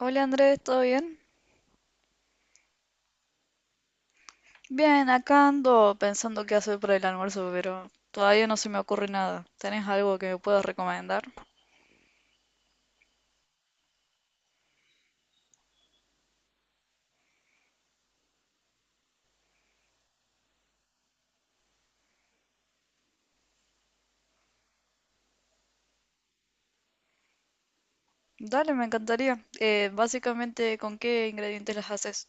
Hola Andrés, ¿todo bien? Bien, acá ando pensando qué hacer para el almuerzo, pero todavía no se me ocurre nada. ¿Tenés algo que me puedas recomendar? Dale, me encantaría. Básicamente, ¿con qué ingredientes las haces?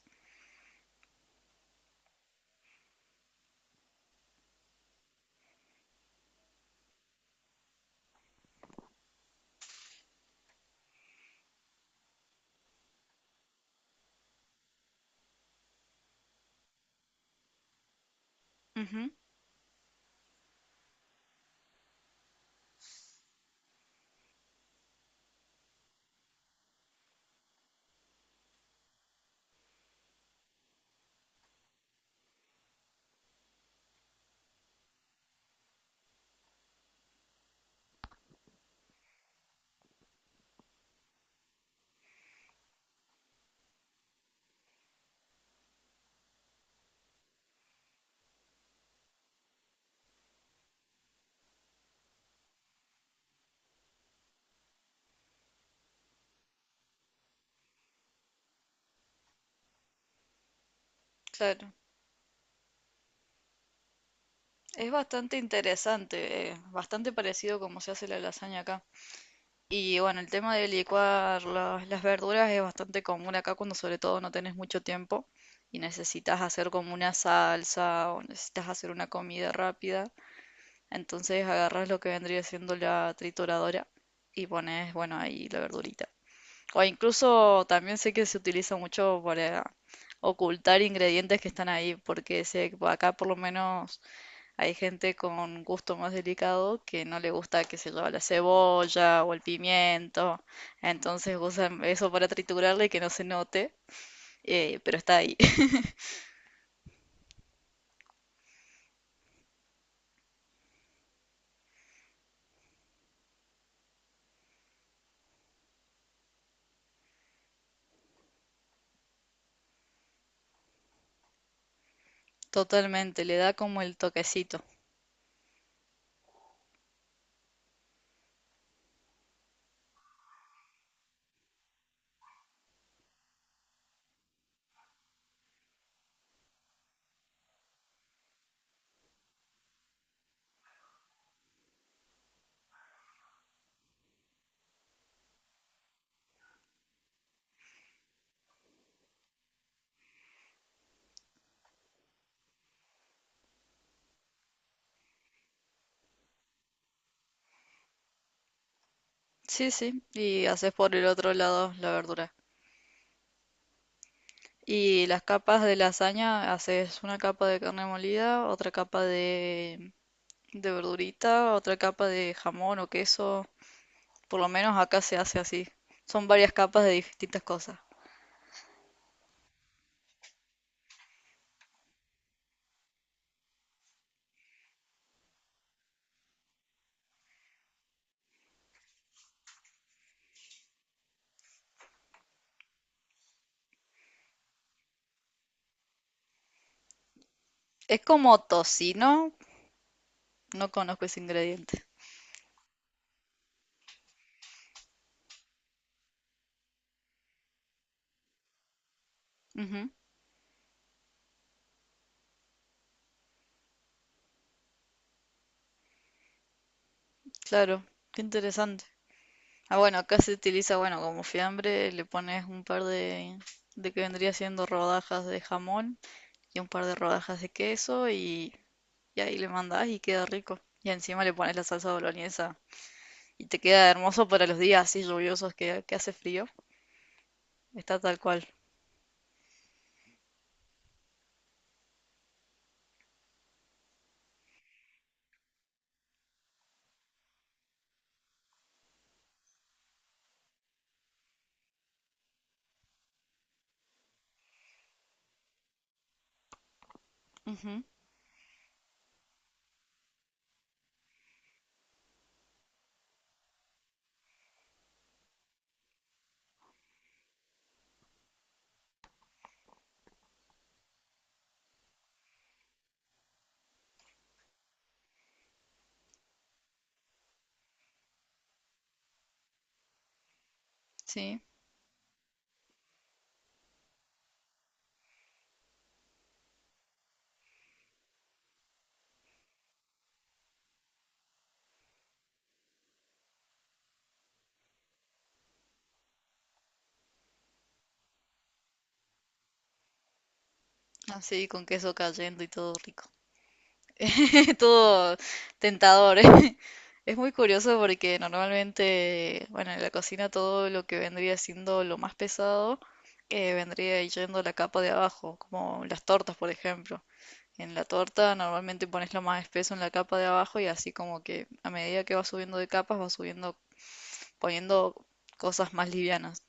Ujú, claro. Es bastante interesante, bastante parecido como se hace la lasaña acá. Y bueno, el tema de licuar las verduras es bastante común acá cuando sobre todo no tenés mucho tiempo y necesitas hacer como una salsa o necesitas hacer una comida rápida. Entonces agarras lo que vendría siendo la trituradora y pones, bueno, ahí la verdurita. O incluso también sé que se utiliza mucho para ocultar ingredientes que están ahí, porque sé que acá por lo menos hay gente con gusto más delicado que no le gusta, que se lleva la cebolla o el pimiento, entonces usan eso para triturarle y que no se note, pero está ahí. Totalmente, le da como el toquecito. Sí, sí, y haces por el otro lado la verdura. Y las capas de lasaña, haces una capa de carne molida, otra capa de verdurita, otra capa de jamón o queso. Por lo menos acá se hace así. Son varias capas de distintas cosas. Es como tocino, no conozco ese ingrediente. Ujú, claro, qué interesante. Ah, bueno, acá se utiliza, bueno, como fiambre, le pones un par de que vendría siendo rodajas de jamón y un par de rodajas de queso y ahí le mandás y queda rico. Y encima le pones la salsa boloñesa. Y te queda hermoso para los días así lluviosos que hace frío. Está tal cual. Ujú, sí, así con queso cayendo y todo rico. Todo tentador, ¿eh? Es muy curioso porque normalmente, bueno, en la cocina todo lo que vendría siendo lo más pesado vendría yendo a la capa de abajo, como las tortas, por ejemplo. En la torta normalmente pones lo más espeso en la capa de abajo y así como que a medida que va subiendo de capas va subiendo poniendo cosas más livianas.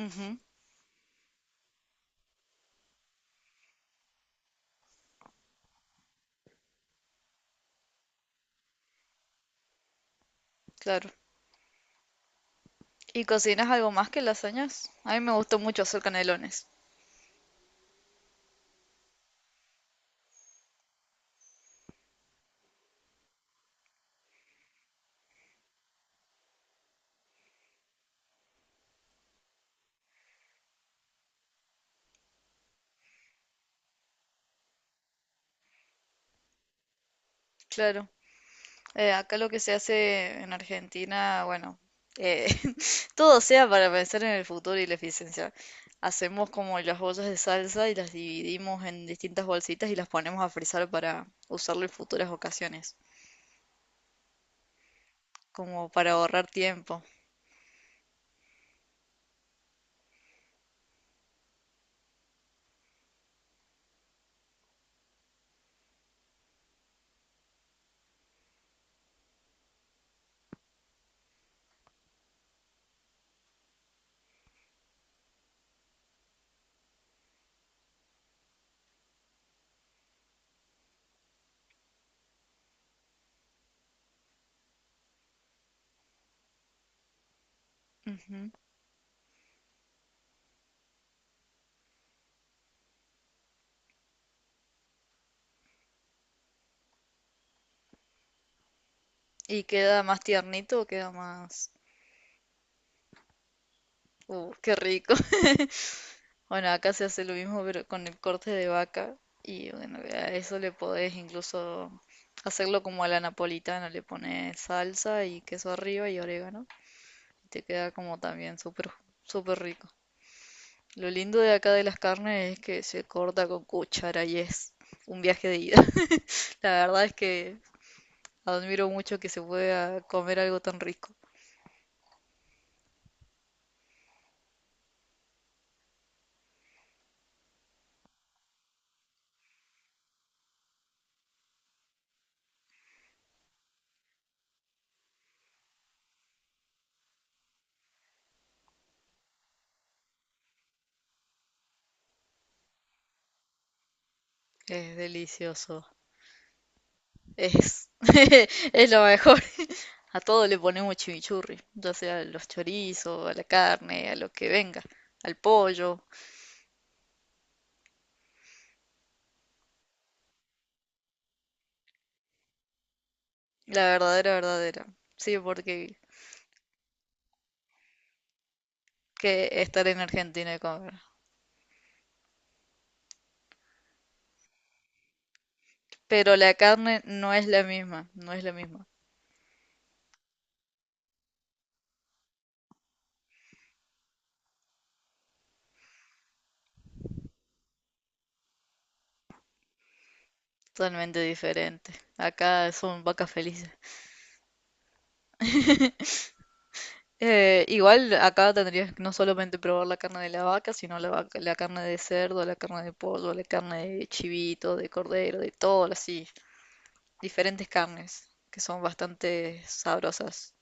Ujú, claro. ¿Y cocinas algo más que lasañas? A mí me gustó mucho hacer canelones. Claro. Acá lo que se hace en Argentina, bueno, eh, todo sea para pensar en el futuro y la eficiencia. Hacemos como las bolsas de salsa y las dividimos en distintas bolsitas y las ponemos a frizar para usarlo en futuras ocasiones. Como para ahorrar tiempo. Ujú. ¿Y queda más tiernito o queda más... qué rico. Bueno, acá se hace lo mismo pero con el corte de vaca y bueno, a eso le podés incluso hacerlo como a la napolitana, le pones salsa y queso arriba y orégano y te queda como también súper súper rico. Lo lindo de acá de las carnes es que se corta con cuchara y es un viaje de ida. La verdad es que admiro mucho que se pueda comer algo tan rico. Es delicioso. Es, es lo mejor. A todo le ponemos chimichurri, ya sea a los chorizos, a la carne, a lo que venga, al pollo. La verdadera, verdadera. Sí, porque que estar en Argentina y comer. Pero la carne no es la misma, no es la misma. Totalmente diferente. Acá son vacas felices. Igual acá tendrías que no solamente probar la carne de la vaca, sino la, la carne de cerdo, la carne de pollo, la carne de chivito, de cordero, de todo así. Diferentes carnes que son bastante sabrosas.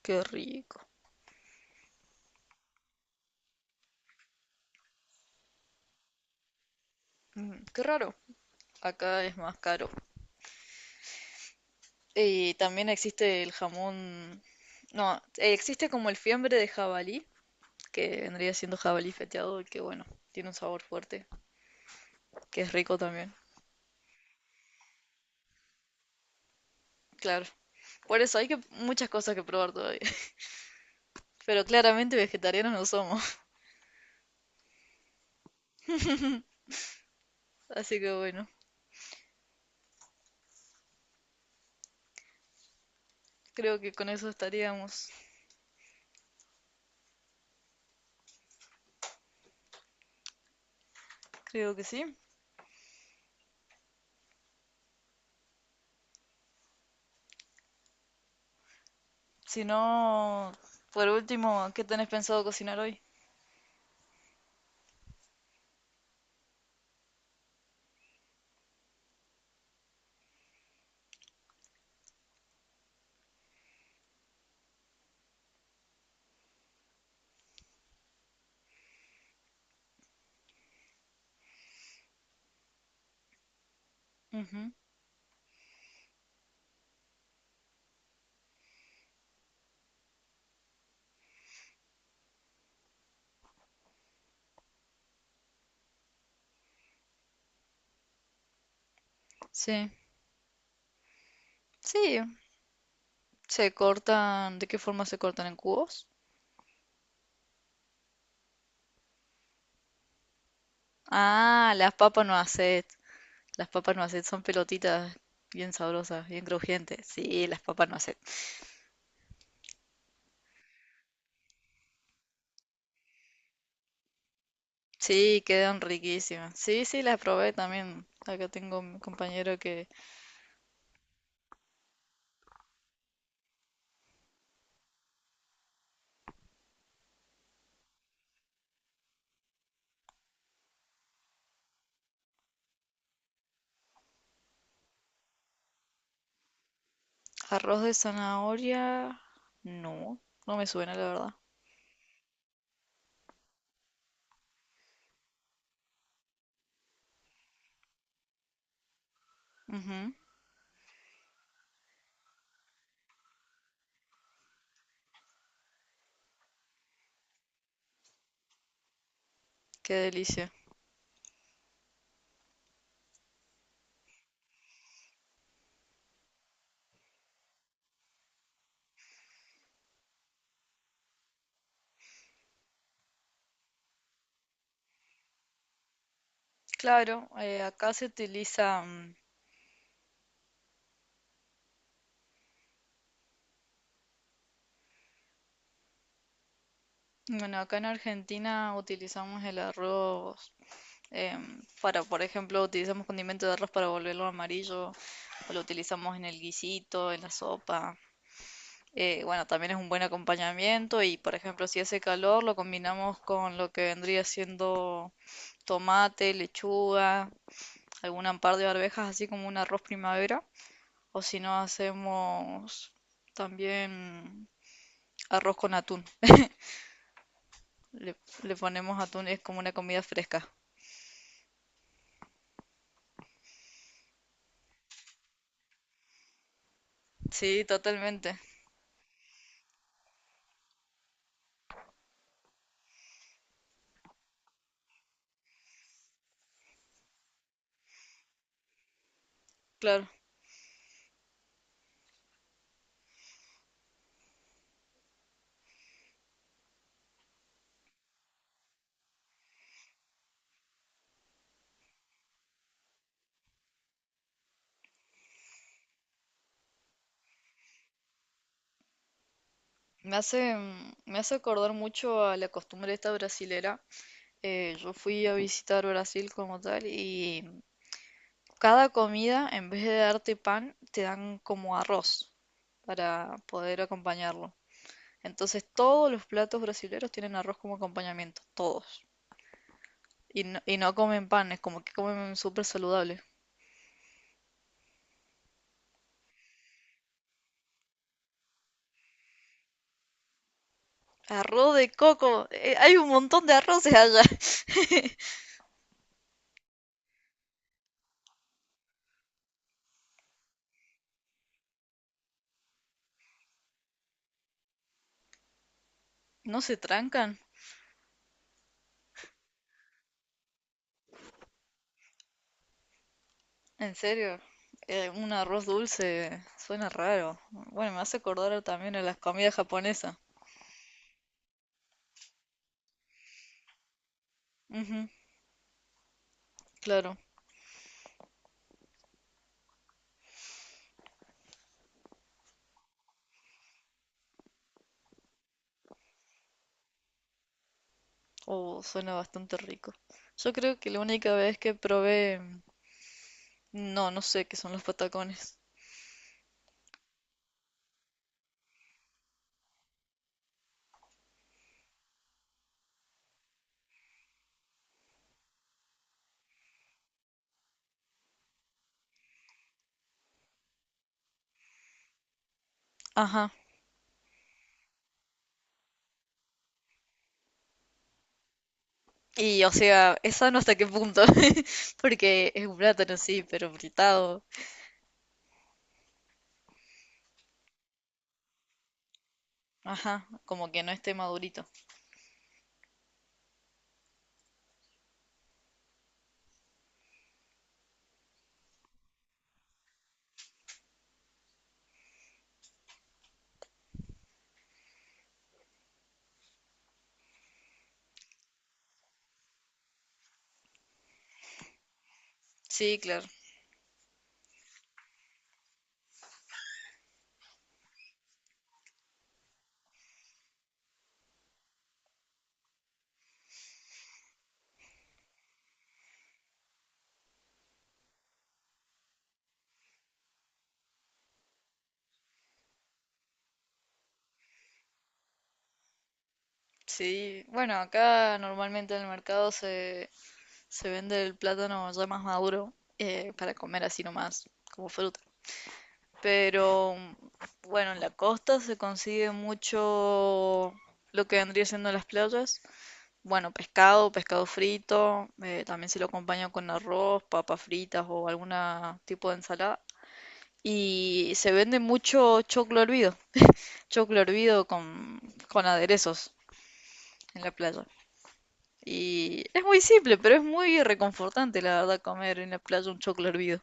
Qué rico. Mm, qué raro. Acá es más caro. Y también existe el jamón. No, existe como el fiambre de jabalí, que vendría siendo jabalí feteado, y que bueno, tiene un sabor fuerte, que es rico también. Claro. Por eso hay que muchas cosas que probar todavía. Pero claramente vegetarianos no somos. Así que bueno, creo que con eso estaríamos. Creo que sí. Si no, por último, ¿qué tenés pensado cocinar hoy? Ujú. Sí, sí, se cortan. ¿De qué forma se cortan, en cubos? Ah, las papas no hacet. Las papas no hacet son pelotitas bien sabrosas, bien crujientes. Sí, las papas no hacet. Sí, quedan riquísimas. Sí, sí, las probé también. Acá tengo un compañero que arroz de zanahoria. No, no me suena la verdad. Ujú. Qué delicia. Claro, acá se utiliza, mm, bueno, acá en Argentina utilizamos el arroz. Para, por ejemplo, utilizamos condimento de arroz para volverlo amarillo, o lo utilizamos en el guisito, en la sopa. Bueno, también es un buen acompañamiento y, por ejemplo, si hace calor, lo combinamos con lo que vendría siendo tomate, lechuga, algún par de arvejas, así como un arroz primavera. O si no, hacemos también arroz con atún. Le, le ponemos atún, es como una comida fresca. Sí, totalmente. Claro. Me hace, mm, me hace acordar mucho a la costumbre esta brasilera. Yo fui a visitar Brasil como tal y cada comida, en vez de darte pan, te dan como arroz para poder acompañarlo. Entonces todos los platos brasileros tienen arroz como acompañamiento, todos. Y no comen pan, es como que comen súper saludable. Arroz de coco, hay un montón de arroces allá. ¿No se trancan? En serio, un arroz dulce suena raro. Bueno, me hace acordar también a las comidas japonesas. Ujú, claro. Oh, suena bastante rico. Yo creo que la única vez que probé, no, no sé qué son los patacones. Ajá. Y o sea, esa no hasta qué punto, porque es un plátano, sí, pero fritado. Ajá, como que no esté madurito. Sí, claro. Sí, bueno, acá normalmente en el mercado se, se vende el plátano ya más maduro para comer así nomás, como fruta. Pero bueno, en la costa se consigue mucho lo que vendría siendo las playas. Bueno, pescado, pescado frito, también se lo acompaña con arroz, papas fritas o algún tipo de ensalada. Y se vende mucho choclo hervido con aderezos en la playa. Y es muy simple, pero es muy reconfortante, la verdad, comer en la playa un choclo hervido.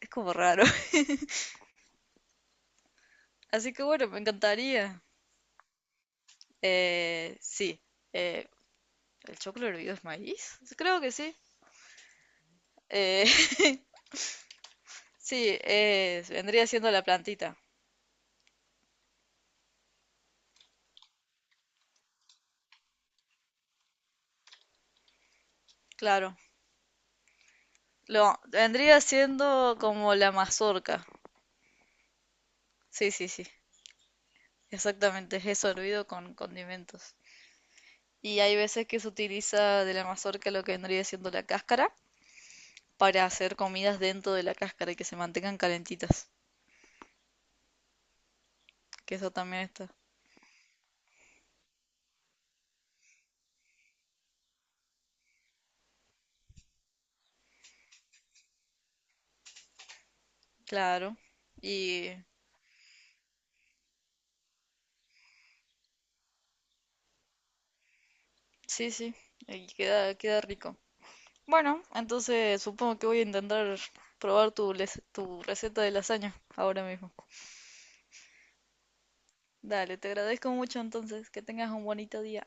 Es como raro. Así que bueno, me encantaría. Sí. eh, ¿El choclo hervido es maíz? Creo que sí. Eh, sí, vendría siendo la plantita. Claro. Lo, vendría siendo como la mazorca. Sí, sí, sí. Exactamente. Es eso hervido con condimentos. Y hay veces que se utiliza de la mazorca lo que vendría siendo la cáscara para hacer comidas dentro de la cáscara y que se mantengan calentitas. Que eso también está. Claro. Y sí, sí, ahí queda, queda rico. Bueno, entonces supongo que voy a intentar probar tu, tu receta de lasaña ahora mismo. Dale, te agradezco mucho entonces, que tengas un bonito día.